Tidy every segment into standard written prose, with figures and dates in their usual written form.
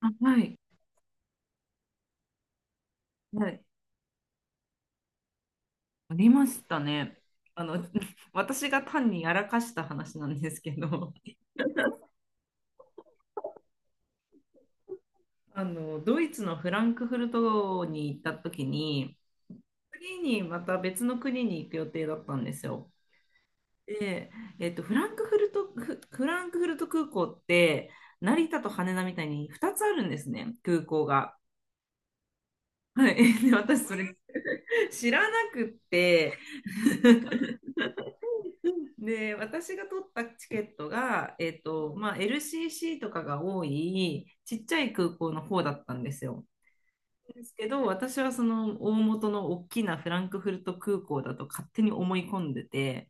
あ、はい、はい、ありましたね。あの、私が単にやらかした話なんですけど、ドイツのフランクフルトに行った時に、次にまた別の国に行く予定だったんですよ。で、フランクフルト空港って、成田と羽田みたいに2つあるんですね、空港が。はい、で、私それ 知らなくって、で、私が取ったチケットが、まあ、LCC とかが多い、ちっちゃい空港の方だったんですよ。ですけど、私はその大元の大きなフランクフルト空港だと勝手に思い込んでて、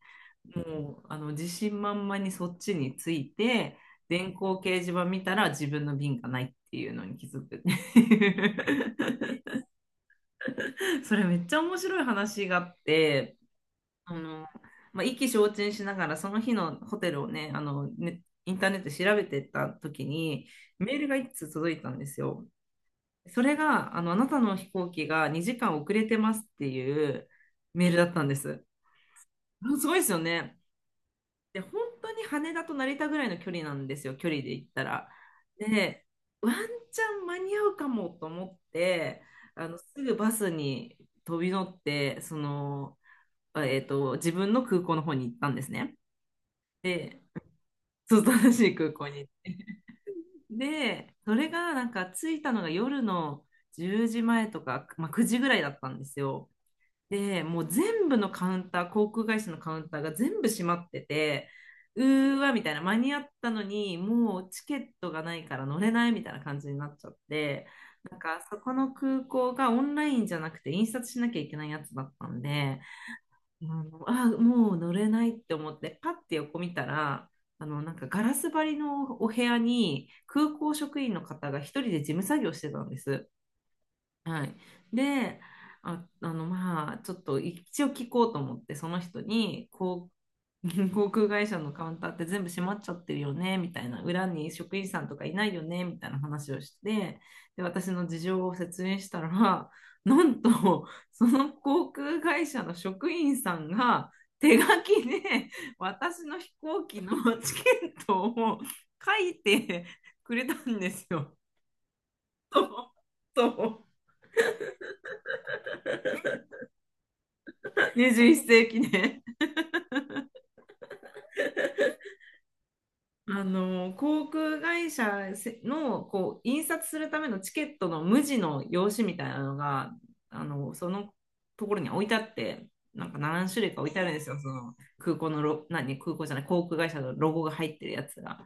もう、自信満々にそっちに着いて、電光掲示板見たら自分の便がないっていうのに気づくっていう。 それめっちゃ面白い話があって、あの、まあ、意気消沈しながら、その日のホテルをね、ね、インターネットで調べてた時に、メールが一通届いたんですよ。それが、あなたの飛行機が2時間遅れてますっていうメールだったんです。うんすごいですよね。で、本当に羽田と成田ぐらいの距離なんですよ、距離で言ったら。で、ワンチャン間に合うかもと思って、すぐバスに飛び乗って、その、自分の空港の方に行ったんですね。で、そう、正しい空港に。で、それがなんか着いたのが夜の10時前とか、まあ、9時ぐらいだったんですよ。で、もう全部のカウンター、航空会社のカウンターが全部閉まってて、うーわみたいな、間に合ったのに、もうチケットがないから乗れないみたいな感じになっちゃって、なんかそこの空港がオンラインじゃなくて印刷しなきゃいけないやつだったんで、あ、もう乗れないって思って、パッて横見たら、なんかガラス張りのお部屋に空港職員の方が一人で事務作業してたんです。はい。で、まあ、ちょっと一応聞こうと思って、その人に、こ 航空会社のカウンターって全部閉まっちゃってるよね、みたいな、裏に職員さんとかいないよね、みたいな話をして、で、私の事情を説明したら、なんと、その航空会社の職員さんが手書きで私の飛行機のチケットを書いてくれたんですよ。そう、21世紀ね。あの航空会社のこう印刷するためのチケットの無地の用紙みたいなのがそのところに置いてあって、なんか何種類か置いてあるんですよ、その空港のロ、何空港じゃない、航空会社のロゴが入ってるやつが。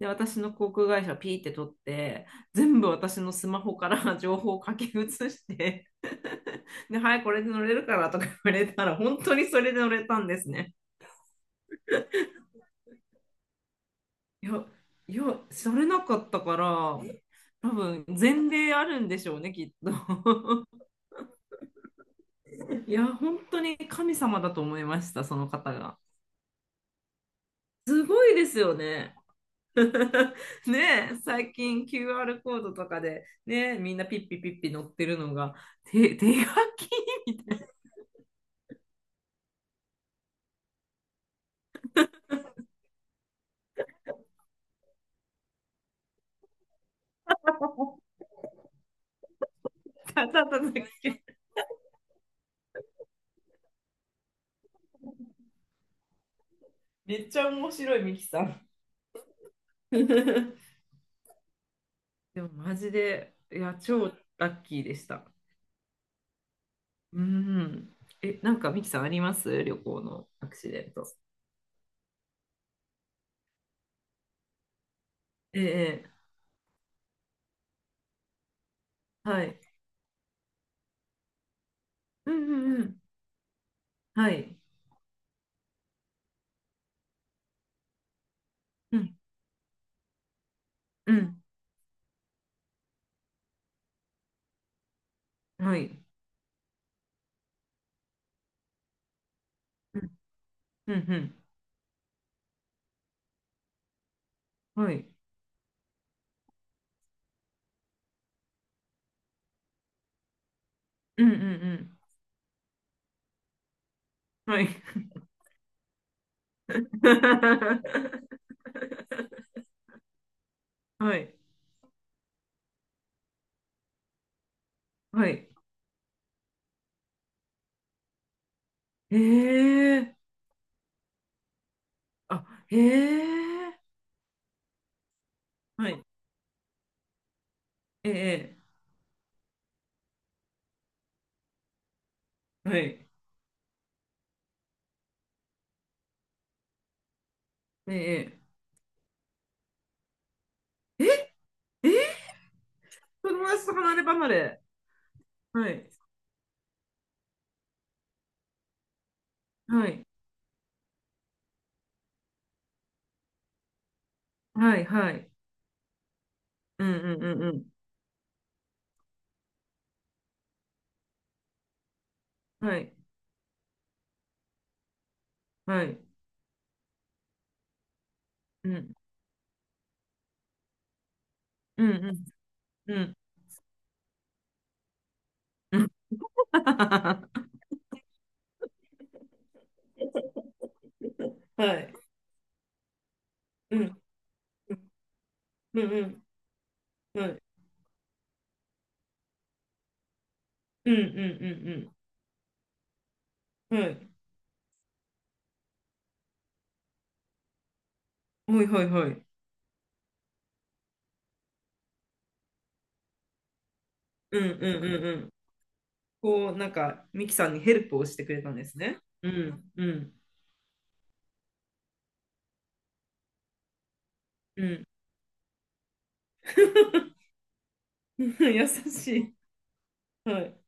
で私の航空会社をピーって取って、全部私のスマホから 情報を書き写して、 で「はいこれで乗れるから」とか言われたら本当にそれで乗れたんですね。いや、いや、されなかったから、え多分前例あるんでしょうね、きっと。いや、本当に神様だと思いました、その方が。すごいですよね。ねえ、最近 QR コードとかで、ねえ、みんなピッピピッピ載ってるのが、手書きだったんだっけ。めっちゃ面白い、ミキさん。でもマジで、いや、超ラッキーでした。うん。え、なんかミキさんあります旅行のアクシデント。ええ、ええはい。うんうんうん。はい。うん、うん、はい。うん、うん、うん、はい。うん、うん、うん、はい。はい。はい。へえ。あ、へえ。はい。ええ、はい。ええ、ええ、友達と離れ離れ。はい。はい。はい、はい。うん、うん、うん、うん。はい。はい。うん、うん、うん、うん。はい。うん、うん、うん。はい。うんうんうんうん。はい。はいはいはい。うんうんうんうん。こう、なんか、ミキさんにヘルプをしてくれたんですね。うんうんうん。優しい。はい。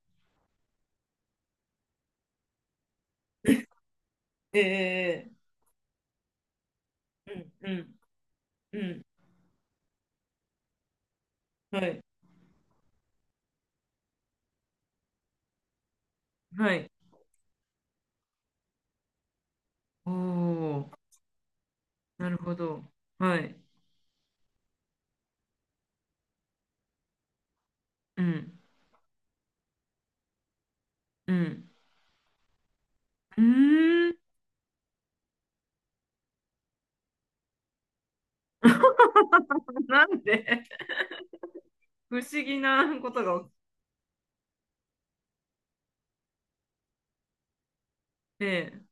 えー、うんうんうん。はい。はい。おお、なるほど。はい。うんうん。うーん。なんで不思議なことが起きて。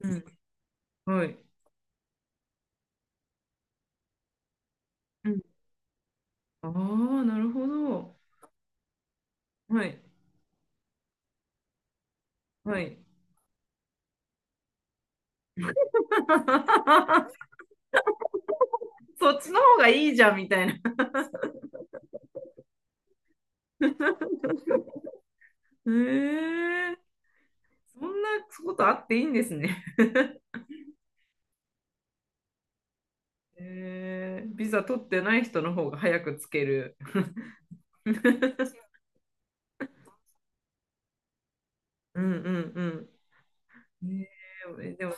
うん。はい。うん。ああ、なるほど。はい。はい。そっちの方がいいじゃんみたいな。へえ、そんなことあっていいんですね。へえ、ビザ取ってない人の方が早くつける。うんうんうん。へえ、でも、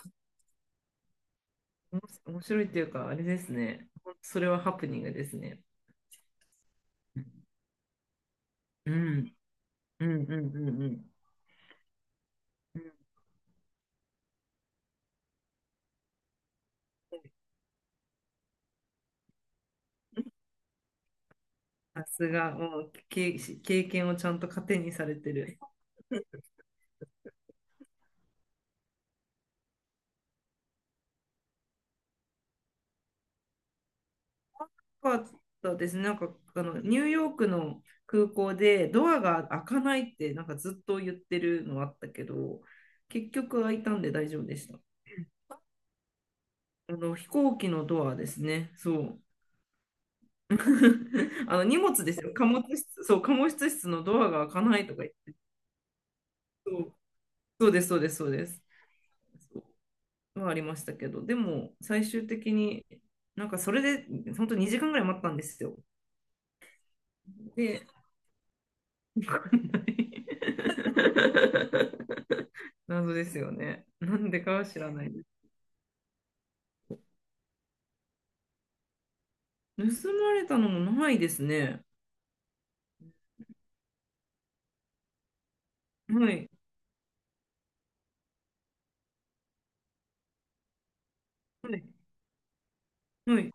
おもし面白いっていうか、あれですね。それはハプニングですね。うん、うん、うん、うん、うん。うんさすが、もうけ経験をちゃんと糧にされてる。かったですね。なんかあのニューヨークの空港でドアが開かないってなんかずっと言ってるのあったけど、結局開いたんで大丈夫でした。あの飛行機のドアですね。そう。あの荷物ですよ。貨物室、そう、貨物室のドアが開かないとか言って。そうそうです、そうです、そうです、そうはありましたけど、でも最終的になんかそれで本当2時間ぐらい待ったんですよ。で、わかんない。 謎ですよね。なんでかは知らないです。盗まれたのもないですね。はい。はい。はい。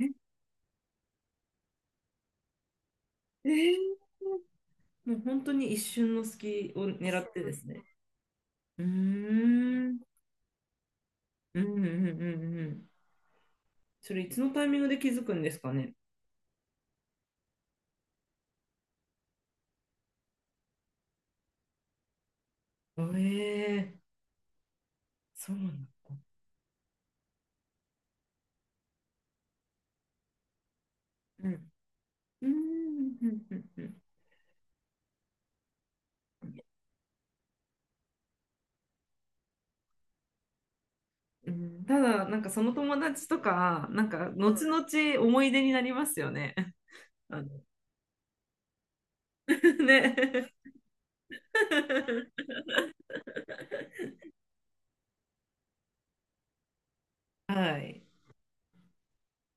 え、えー、もう本当に一瞬の隙を狙ってですね。うーん。うんうんうんうんうん。それいつのタイミングで気づくんですかね。ええそうなんだ。うん。うんうんうんうん。うんただ、なんかその友達とか、なんか後々思い出になりますよね。あの ね。はい。